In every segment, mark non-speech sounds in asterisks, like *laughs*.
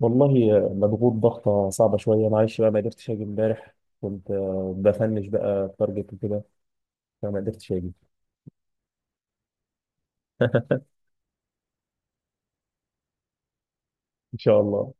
والله مضغوط ضغطة صعبة شوية، معلش بقى، ما قدرتش أجي امبارح. كنت بفنش بقى تارجت وكده، فما قدرتش أجي. *laughs* إن شاء الله.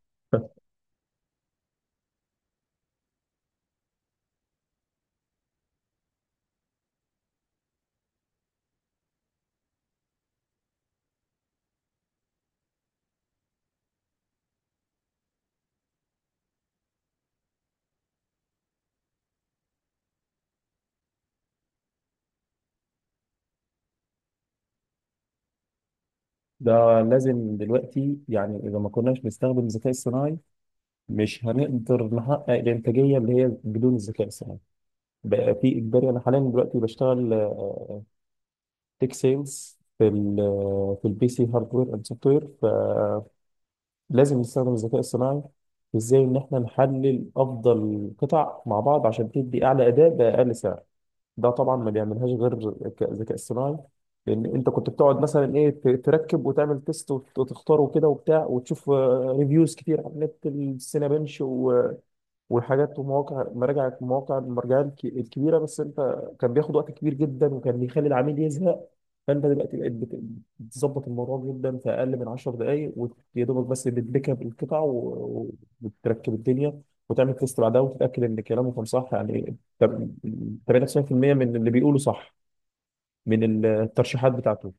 ده لازم دلوقتي، يعني إذا ما كناش بنستخدم الذكاء الصناعي مش هنقدر نحقق الإنتاجية اللي هي بدون الذكاء الصناعي. بقى في إجباري. أنا حاليا دلوقتي بشتغل تيك سيلز في في البي سي هاردوير أند سوفت وير. لازم نستخدم الذكاء الصناعي في ازاي ان احنا نحلل افضل قطع مع بعض عشان تدي اعلى اداء باقل سعر. ده طبعا ما بيعملهاش غير الذكاء الصناعي. لان انت كنت بتقعد مثلا ايه، تركب وتعمل تيست وتختاره كده وبتاع، وتشوف ريفيوز كتير على النت، السينابنش وحاجات ومواقع مراجع، مواقع المراجع الكبيره، بس انت كان بياخد وقت كبير جدا وكان بيخلي العميل يزهق. فانت دلوقتي بقيت بتظبط الموضوع جدا في اقل من 10 دقائق، ويا دوبك بس بتبيك اب القطع وبتركب الدنيا وتعمل تيست بعدها وتتاكد ان كلامه كان صح، يعني 98% من اللي بيقوله صح، من الترشيحات بتاعته.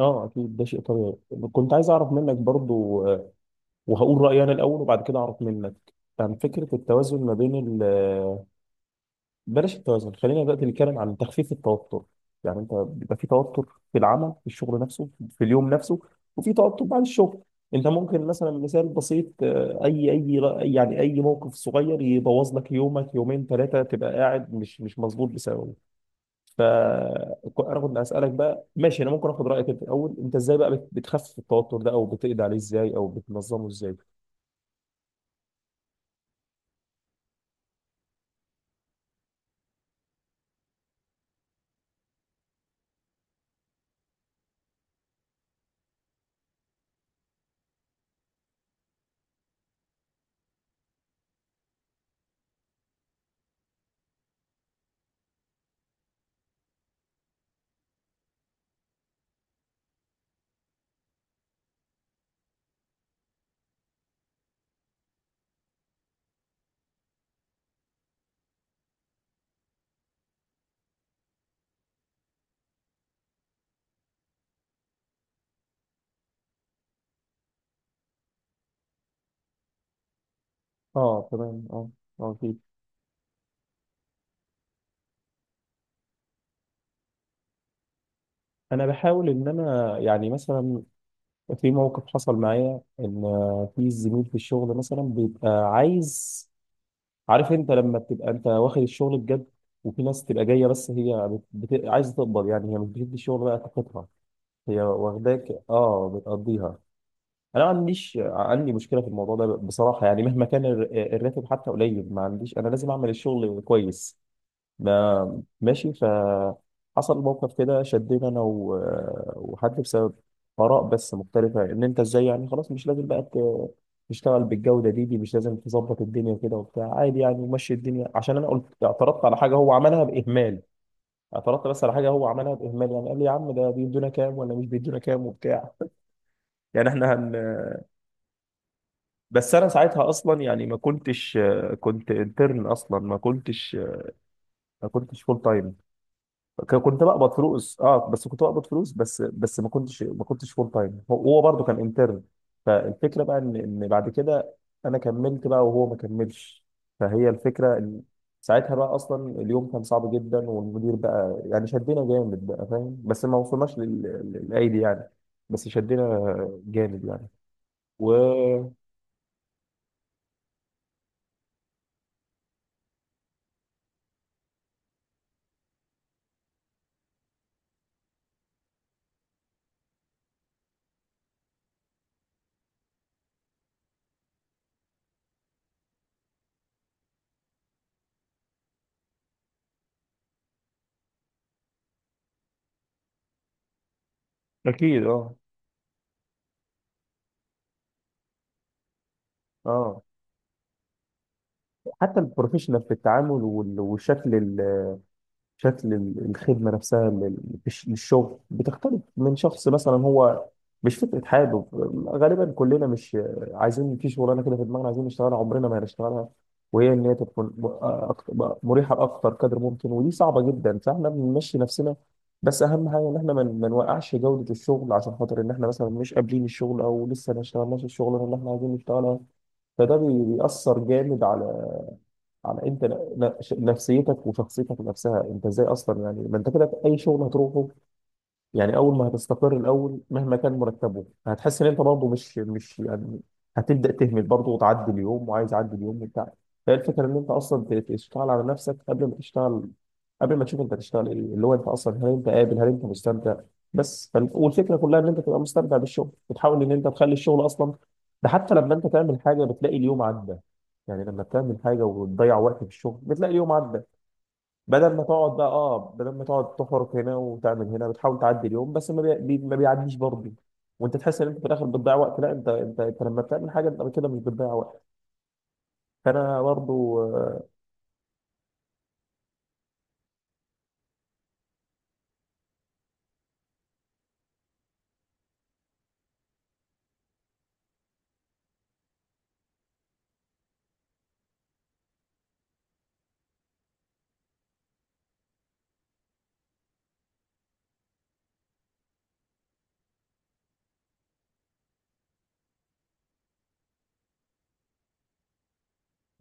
اه اكيد، ده شيء طبيعي. كنت عايز اعرف منك برضو، وهقول رايي انا الاول وبعد كده اعرف منك، عن فكرة التوازن ما بين، بلاش التوازن، خلينا دلوقتي نتكلم عن تخفيف التوتر. يعني انت بيبقى في توتر في العمل، في الشغل نفسه في اليوم نفسه، وفي توتر بعد الشغل. انت ممكن مثلا، مثال بسيط، اي، يعني اي موقف صغير يبوظ لك يومك، يومين ثلاثه تبقى قاعد مش مظبوط بسببه. فانا كنت اسالك بقى، ماشي، انا ممكن اخد رايك انت الاول، انت ازاي بقى بتخفف التوتر ده، او بتقضي عليه ازاي، او بتنظمه ازاي. اه تمام، اه، اه اكيد. انا بحاول ان انا يعني مثلا، في موقف حصل معايا ان في زميل في الشغل مثلا بيبقى عايز، عارف انت لما بتبقى انت واخد الشغل بجد، وفي ناس تبقى جايه بس هي عايزه تقبض، يعني هي مش بتدي الشغل بقى طاقتها، هي واخداك اه بتقضيها. انا ما عنديش، عندي مشكله في الموضوع ده بصراحه، يعني مهما كان الراتب حتى قليل ما عنديش، انا لازم اعمل الشغل كويس. ما ماشي، فحصل موقف كده، شدنا انا وحد بسبب اراء بس مختلفه، ان انت ازاي يعني، خلاص مش لازم بقى تشتغل بالجوده دي مش لازم تظبط الدنيا كده وبتاع، عادي يعني، ومشي الدنيا، عشان انا قلت اعترضت على حاجه هو عملها باهمال. اعترضت بس على حاجه هو عملها باهمال، يعني قال لي يا عم ده بيدونا كام ولا مش بيدونا كام وبتاع. *laughs* يعني احنا هن، بس انا ساعتها اصلا يعني ما كنتش، كنت انترن اصلا، ما كنتش، ما كنتش فول تايم. كنت بقبض فلوس اه، بس كنت بقبض فلوس بس، بس ما كنتش فول تايم. هو برضه كان انترن. فالفكره بقى ان بعد كده انا كملت بقى وهو ما كملش. فهي الفكره ان ساعتها بقى اصلا اليوم كان صعب جدا، والمدير بقى يعني شدنا جامد بقى، فاهم، بس ما وصلناش للايدي يعني، بس شدنا جامد يعني. و اكيد اه، اه حتى البروفيشنال في التعامل والشكل، شكل الخدمة نفسها للشغل بتختلف من شخص. مثلا هو مش فكرة حابب، غالبا كلنا مش عايزين في شغلانة كده في دماغنا عايزين نشتغلها عمرنا ما هنشتغلها، وهي إن هي تكون مريحة بأكتر قدر ممكن، ودي صعبة جدا، فإحنا بنمشي نفسنا. بس أهم حاجة إن إحنا ما نوقعش جودة الشغل عشان خاطر إن إحنا مثلا مش قابلين الشغل أو لسه ما اشتغلناش الشغلانة اللي إحنا عايزين نشتغلها. فده بيأثر جامد على، على انت نفسيتك وشخصيتك نفسها. انت ازاي اصلا يعني، ما انت كده اي شغل هتروحه، يعني اول ما هتستقر الاول مهما كان مرتبه هتحس ان انت برضه مش يعني، هتبدا تهمل برضه وتعدي اليوم، وعايز اعدي اليوم وبتاع. فهي الفكره ان انت اصلا تشتغل على نفسك قبل ما تشتغل، قبل ما تشوف انت هتشتغل ايه، اللي هو انت اصلا هل انت قابل، هل انت مستمتع. بس والفكره كلها ان انت تبقى مستمتع بالشغل، بتحاول ان انت تخلي الشغل اصلا، ده حتى لما انت تعمل حاجه بتلاقي اليوم عدى. يعني لما بتعمل حاجه وتضيع وقت في الشغل بتلاقي اليوم عدى، بدل ما تقعد بقى، اه بدل ما تقعد تحرك هنا وتعمل هنا، بتحاول تعدي اليوم بس ما, ما بيعديش برضه. وانت تحس ان انت في الاخر بتضيع وقت، لا، انت لما بتعمل حاجه انت كده مش بتضيع وقت. فانا برضه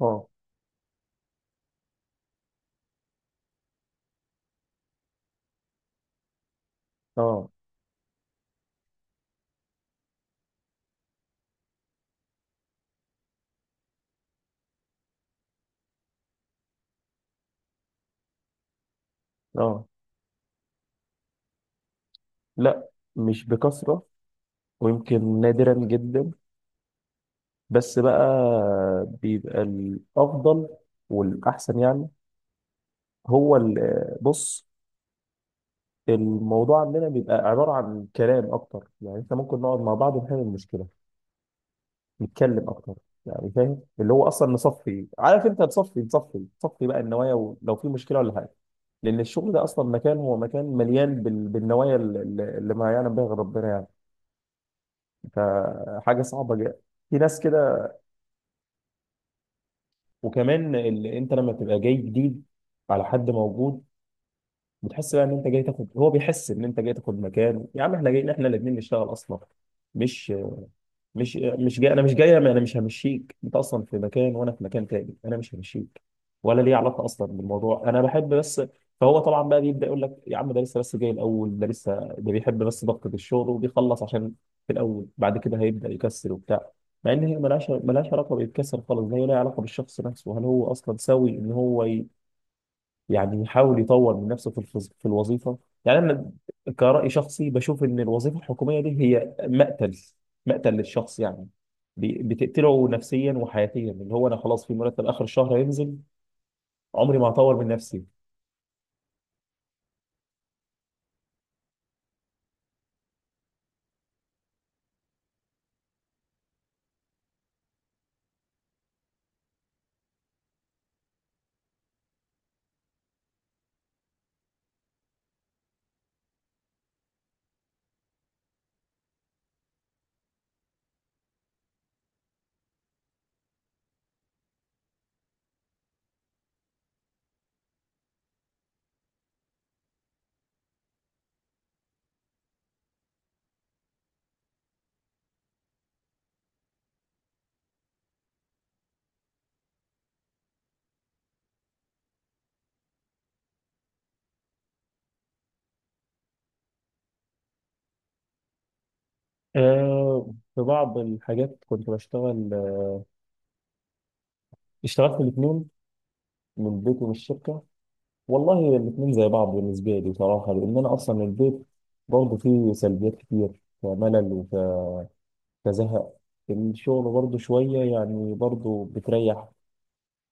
اه، اه، اه، آه، لا، مش بكثره، ويمكن نادرا جدا، بس بقى بيبقى الافضل والاحسن يعني. هو بص، الموضوع عندنا بيبقى عباره عن كلام اكتر، يعني انت ممكن نقعد مع بعض ونحل المشكله، نتكلم اكتر يعني، فاهم، اللي هو اصلا نصفي، عارف انت، نصفي بقى النوايا، ولو في مشكله ولا حاجه، لان الشغل ده اصلا مكان، هو مكان مليان بالنوايا اللي اللي ما يعلم بها غير ربنا يعني، فحاجه صعبه جدا، في ناس كده. وكمان اللي انت لما تبقى جاي جديد على حد موجود، بتحس بقى ان انت جاي تاخد، هو بيحس ان انت جاي تاخد مكان، يا عم احنا جايين، احنا الاثنين نشتغل اصلا، مش مش جاي، انا مش جاي، انا مش همشيك، انت اصلا في مكان وانا في مكان تاني، انا مش همشيك، ولا ليه علاقه اصلا بالموضوع، انا بحب بس. فهو طبعا بقى بيبدا يقول لك يا عم ده لسه بس جاي الاول، ده لسه ده بيحب بس ضغطه الشغل وبيخلص عشان في الاول، بعد كده هيبدا يكسر وبتاع، مع ان هي ملهاش، ملهاش علاقه بالكسر خالص ده، هي لها علاقه بالشخص نفسه، هل هو اصلا سوي ان هو يعني يحاول يطور من نفسه في في الوظيفه. يعني انا كرأي شخصي بشوف ان الوظيفه الحكوميه دي هي مقتل، مقتل للشخص يعني، بتقتله نفسيا وحياتيا، اللي هو انا خلاص في مرتب اخر الشهر هينزل عمري ما هطور من نفسي. آه في بعض الحاجات كنت بشتغل، اشتغلت الاثنين، من البيت ومن الشركه، والله الاثنين زي بعض بالنسبه لي بصراحه، لان انا اصلا البيت برضه فيه سلبيات كتير وملل كزهق، الشغل برضه شوية يعني برضه بتريح.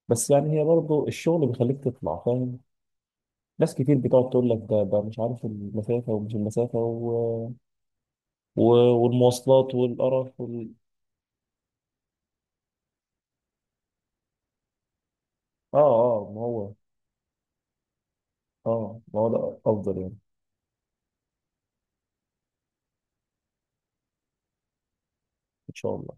بس يعني هي برضه الشغل بيخليك تطلع فاهم، ناس كتير بتقعد تقول لك ده مش عارف المسافة ومش المسافة، و... و... والمواصلات والقرف وال... اه، اه ما هو، اه ما هو ده أفضل يعني. إن شاء الله.